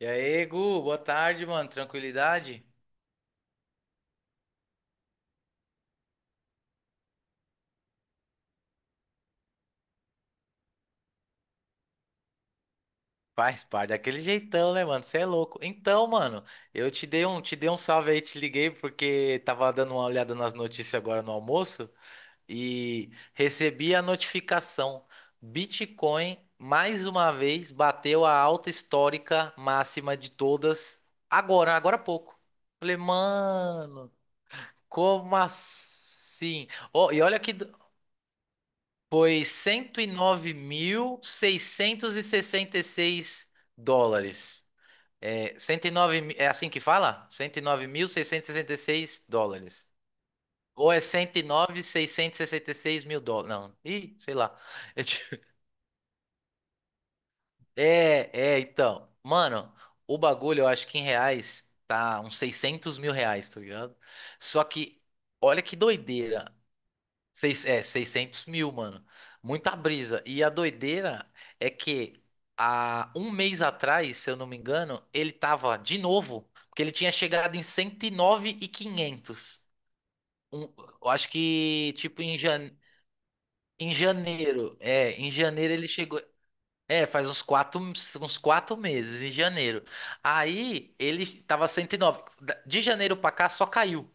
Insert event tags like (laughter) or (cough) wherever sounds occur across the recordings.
E aí, Gu, boa tarde, mano. Tranquilidade? Faz parte daquele jeitão, né, mano? Você é louco. Então, mano, eu te dei um salve aí, te liguei porque tava dando uma olhada nas notícias agora no almoço e recebi a notificação. Bitcoin, mais uma vez, bateu a alta histórica máxima de todas agora há pouco. Falei, mano, como assim? Ó, e olha que. Foi cento e nove mil seiscentos e sessenta e seis dólares. É, 109, mi- é assim que fala? Cento e nove mil seiscentos e sessenta e seis dólares. Ou é 109.666 mil seiscentos e sessenta e seis mil dólares? Não, ih, sei lá. (laughs) É, é, então. Mano, o bagulho eu acho que em reais tá uns 600.000 reais, tá ligado? Só que, olha que doideira. Seis, é, 600 mil, mano. Muita brisa. E a doideira é que há um mês atrás, se eu não me engano, ele tava de novo, porque ele tinha chegado em cento e nove mil e quinhentos. Um, eu acho que, tipo, em, jan, em janeiro. É, em janeiro ele chegou. É, faz uns quatro meses, em janeiro. Aí ele tava 109. De janeiro pra cá só caiu.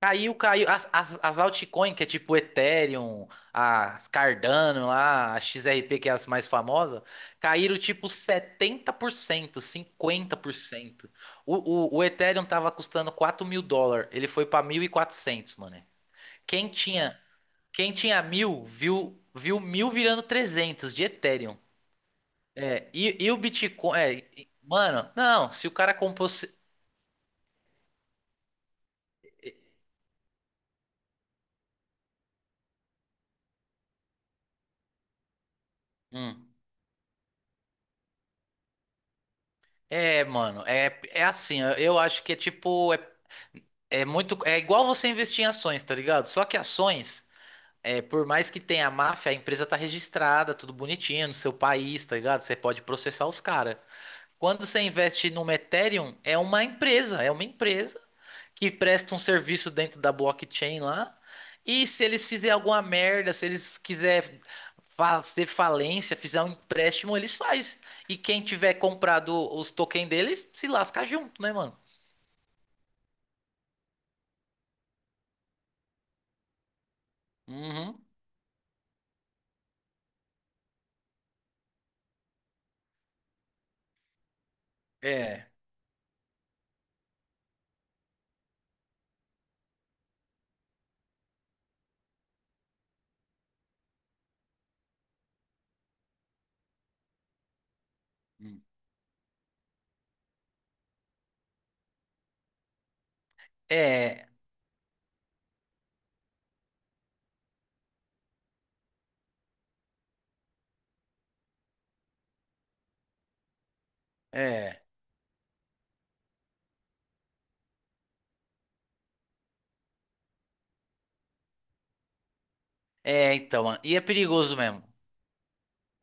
Caiu, caiu. As altcoins, que é tipo Ethereum, a Cardano, lá, a XRP, que é as mais famosas, caíram tipo 70%, 50%. O Ethereum tava custando 4.000 dólares, ele foi pra 1.400 mano. Quem tinha, quem tinha mil, viu mil virando 300 de Ethereum. É, e o Bitcoin, é, mano, não, se o cara comprou. Hum. É, mano, é, é assim, eu acho que é tipo, é. É muito, é igual você investir em ações, tá ligado? Só que ações, é, por mais que tenha máfia, a empresa tá registrada, tudo bonitinho no seu país, tá ligado? Você pode processar os caras. Quando você investe numa Ethereum, é uma empresa que presta um serviço dentro da blockchain lá. E se eles fizerem alguma merda, se eles quiserem fazer falência, fizer um empréstimo, eles faz. E quem tiver comprado os tokens deles, se lasca junto, né, mano? Uhum. É. É, é, então, mano. E é perigoso mesmo.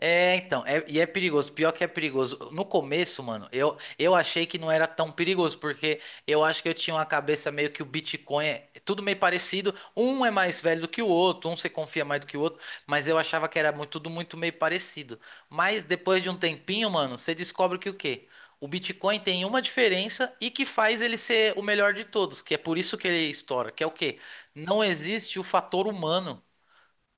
É, então, e é perigoso, pior que é perigoso. No começo, mano, eu achei que não era tão perigoso, porque eu acho que eu tinha uma cabeça meio que o Bitcoin é tudo meio parecido, um é mais velho do que o outro, um você confia mais do que o outro, mas eu achava que era muito, tudo muito meio parecido. Mas depois de um tempinho, mano, você descobre que o quê? O Bitcoin tem uma diferença e que faz ele ser o melhor de todos, que é por isso que ele estoura, que é o quê? Não existe o fator humano.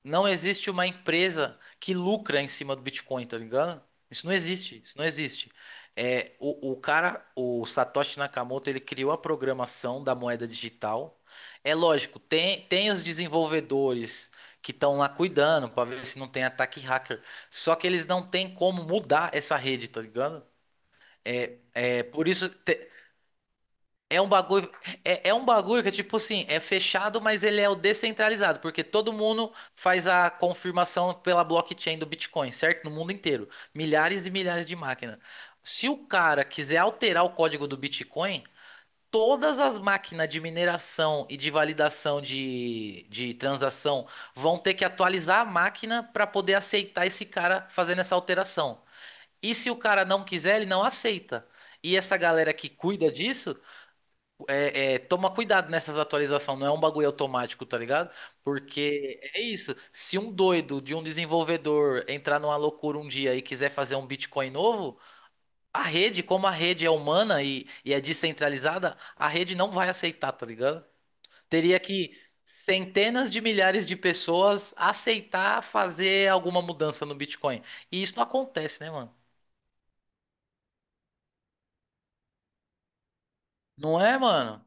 Não existe uma empresa que lucra em cima do Bitcoin, tá ligado? Isso não existe, isso não existe. É, o cara, o Satoshi Nakamoto, ele criou a programação da moeda digital. É lógico, tem os desenvolvedores que estão lá cuidando para ver se não tem ataque hacker. Só que eles não têm como mudar essa rede, tá ligado? É por isso. É um bagulho, é um bagulho que é tipo assim, é fechado, mas ele é o descentralizado, porque todo mundo faz a confirmação pela blockchain do Bitcoin, certo? No mundo inteiro. Milhares e milhares de máquinas. Se o cara quiser alterar o código do Bitcoin, todas as máquinas de mineração e de validação de transação vão ter que atualizar a máquina para poder aceitar esse cara fazendo essa alteração. E se o cara não quiser, ele não aceita. E essa galera que cuida disso. Toma cuidado nessas atualizações, não é um bagulho automático, tá ligado? Porque é isso. Se um doido de um desenvolvedor entrar numa loucura um dia e quiser fazer um Bitcoin novo, a rede, como a rede é humana e é descentralizada, a rede não vai aceitar, tá ligado? Teria que centenas de milhares de pessoas aceitar fazer alguma mudança no Bitcoin. E isso não acontece, né, mano? Não é, mano?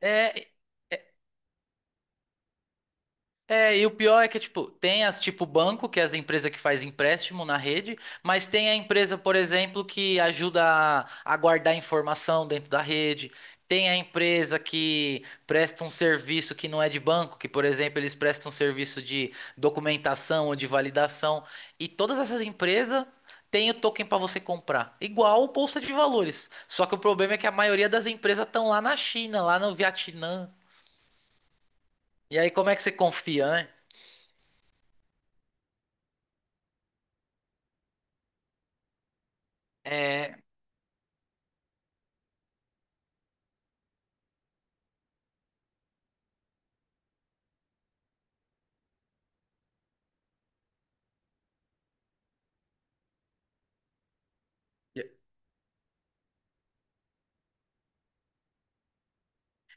É, É, e o pior é que, tipo, tem as tipo banco, que é as empresas que faz empréstimo na rede, mas tem a empresa, por exemplo, que ajuda a guardar informação dentro da rede. Tem a empresa que presta um serviço que não é de banco, que, por exemplo, eles prestam serviço de documentação ou de validação. E todas essas empresas têm o token para você comprar, igual o Bolsa de Valores. Só que o problema é que a maioria das empresas estão lá na China, lá no Vietnã. E aí, como é que você confia, né? É.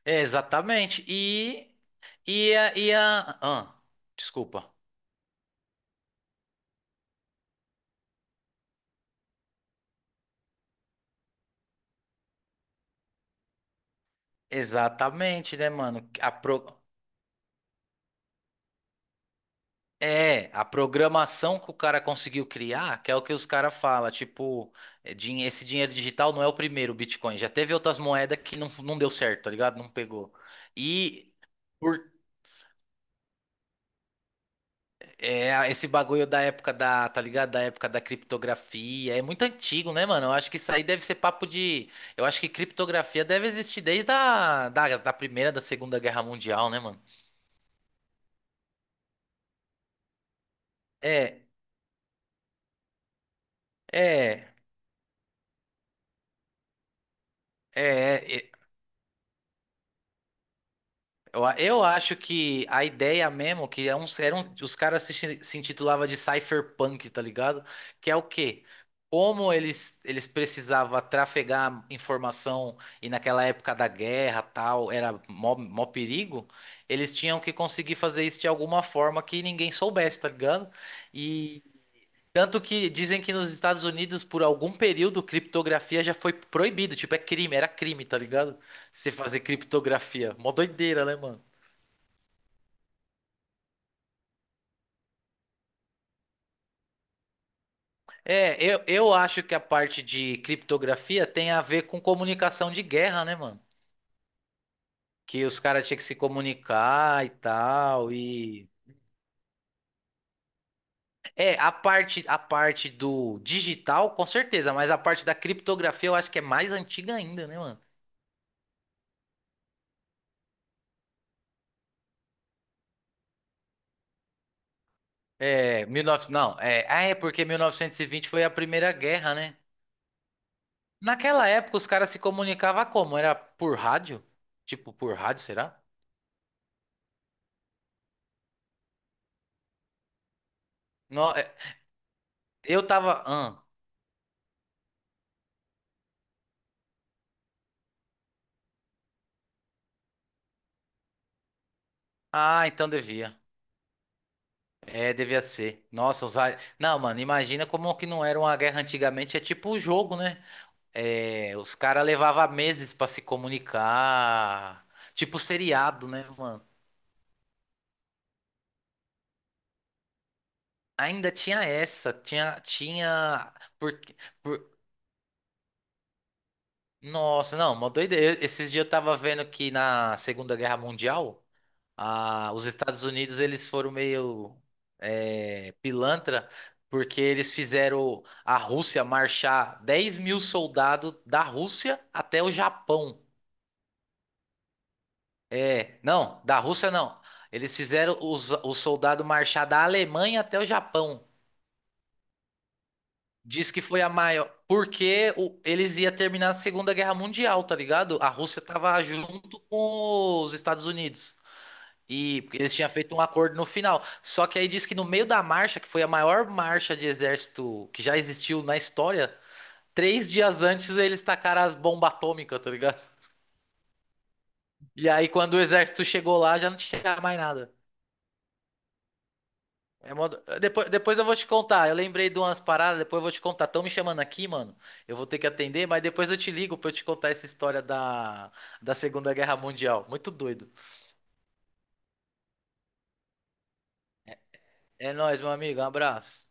É, exatamente. E, a, e a. Ah, desculpa. Exatamente, né, mano? A pro... É, a programação que o cara conseguiu criar, que é o que os caras falam, tipo, é, esse dinheiro digital não é o primeiro Bitcoin. Já teve outras moedas que não, não deu certo, tá ligado? Não pegou. E. É, esse bagulho da época da, tá ligado? Da época da criptografia. É muito antigo, né, mano? Eu acho que isso aí deve ser papo de. Eu acho que criptografia deve existir desde a da, da Primeira, da Segunda Guerra Mundial, né, mano? É, é, é. é. Eu, eu acho que a ideia mesmo, que é um, eram, os caras se, se intitulava de cypherpunk, tá ligado? Que é o quê? Como eles precisavam trafegar informação e naquela época da guerra tal, era mó perigo, eles tinham que conseguir fazer isso de alguma forma que ninguém soubesse, tá ligado? E tanto que dizem que nos Estados Unidos, por algum período, criptografia já foi proibido, tipo, é crime, era crime, tá ligado? Você fazer criptografia. Mó doideira, né, mano? É, eu acho que a parte de criptografia tem a ver com comunicação de guerra, né, mano? Que os caras tinham que se comunicar e tal, e... É, a parte do digital, com certeza, mas a parte da criptografia eu acho que é mais antiga ainda, né, mano? É, 1900. Não, é, ah, é porque 1920 foi a Primeira Guerra, né? Naquela época os caras se comunicavam como? Era por rádio? Tipo, por rádio, será? Não, é, eu tava... Ah, ah, então devia. É, devia ser. Nossa, os... ra- Não, mano, imagina como que não era uma guerra antigamente. É tipo o jogo, né? É, os caras levavam meses pra se comunicar. Tipo seriado, né, mano? Ainda tinha essa. Tinha. Tinha. Por... por- Nossa, não, uma doideira. Esses dias eu tava vendo que na Segunda Guerra Mundial. Ah, os Estados Unidos eles foram meio é, pilantra porque eles fizeram a Rússia marchar 10.000 soldados da Rússia até o Japão. É, não, da Rússia não. Eles fizeram os soldados marchar da Alemanha até o Japão. Diz que foi a maior. Porque eles iam terminar a Segunda Guerra Mundial, tá ligado? A Rússia tava junto com os Estados Unidos. E porque eles tinham feito um acordo no final. Só que aí diz que no meio da marcha, que foi a maior marcha de exército que já existiu na história, três dias antes eles tacaram as bombas atômicas, tá ligado? E aí quando o exército chegou lá, já não tinha mais nada. É depois, eu vou te contar. Eu lembrei de umas paradas, depois eu vou te contar. Estão me chamando aqui, mano. Eu vou ter que atender, mas depois eu te ligo pra eu te contar essa história da, da Segunda Guerra Mundial. Muito doido. É nóis, meu amigo. Um abraço.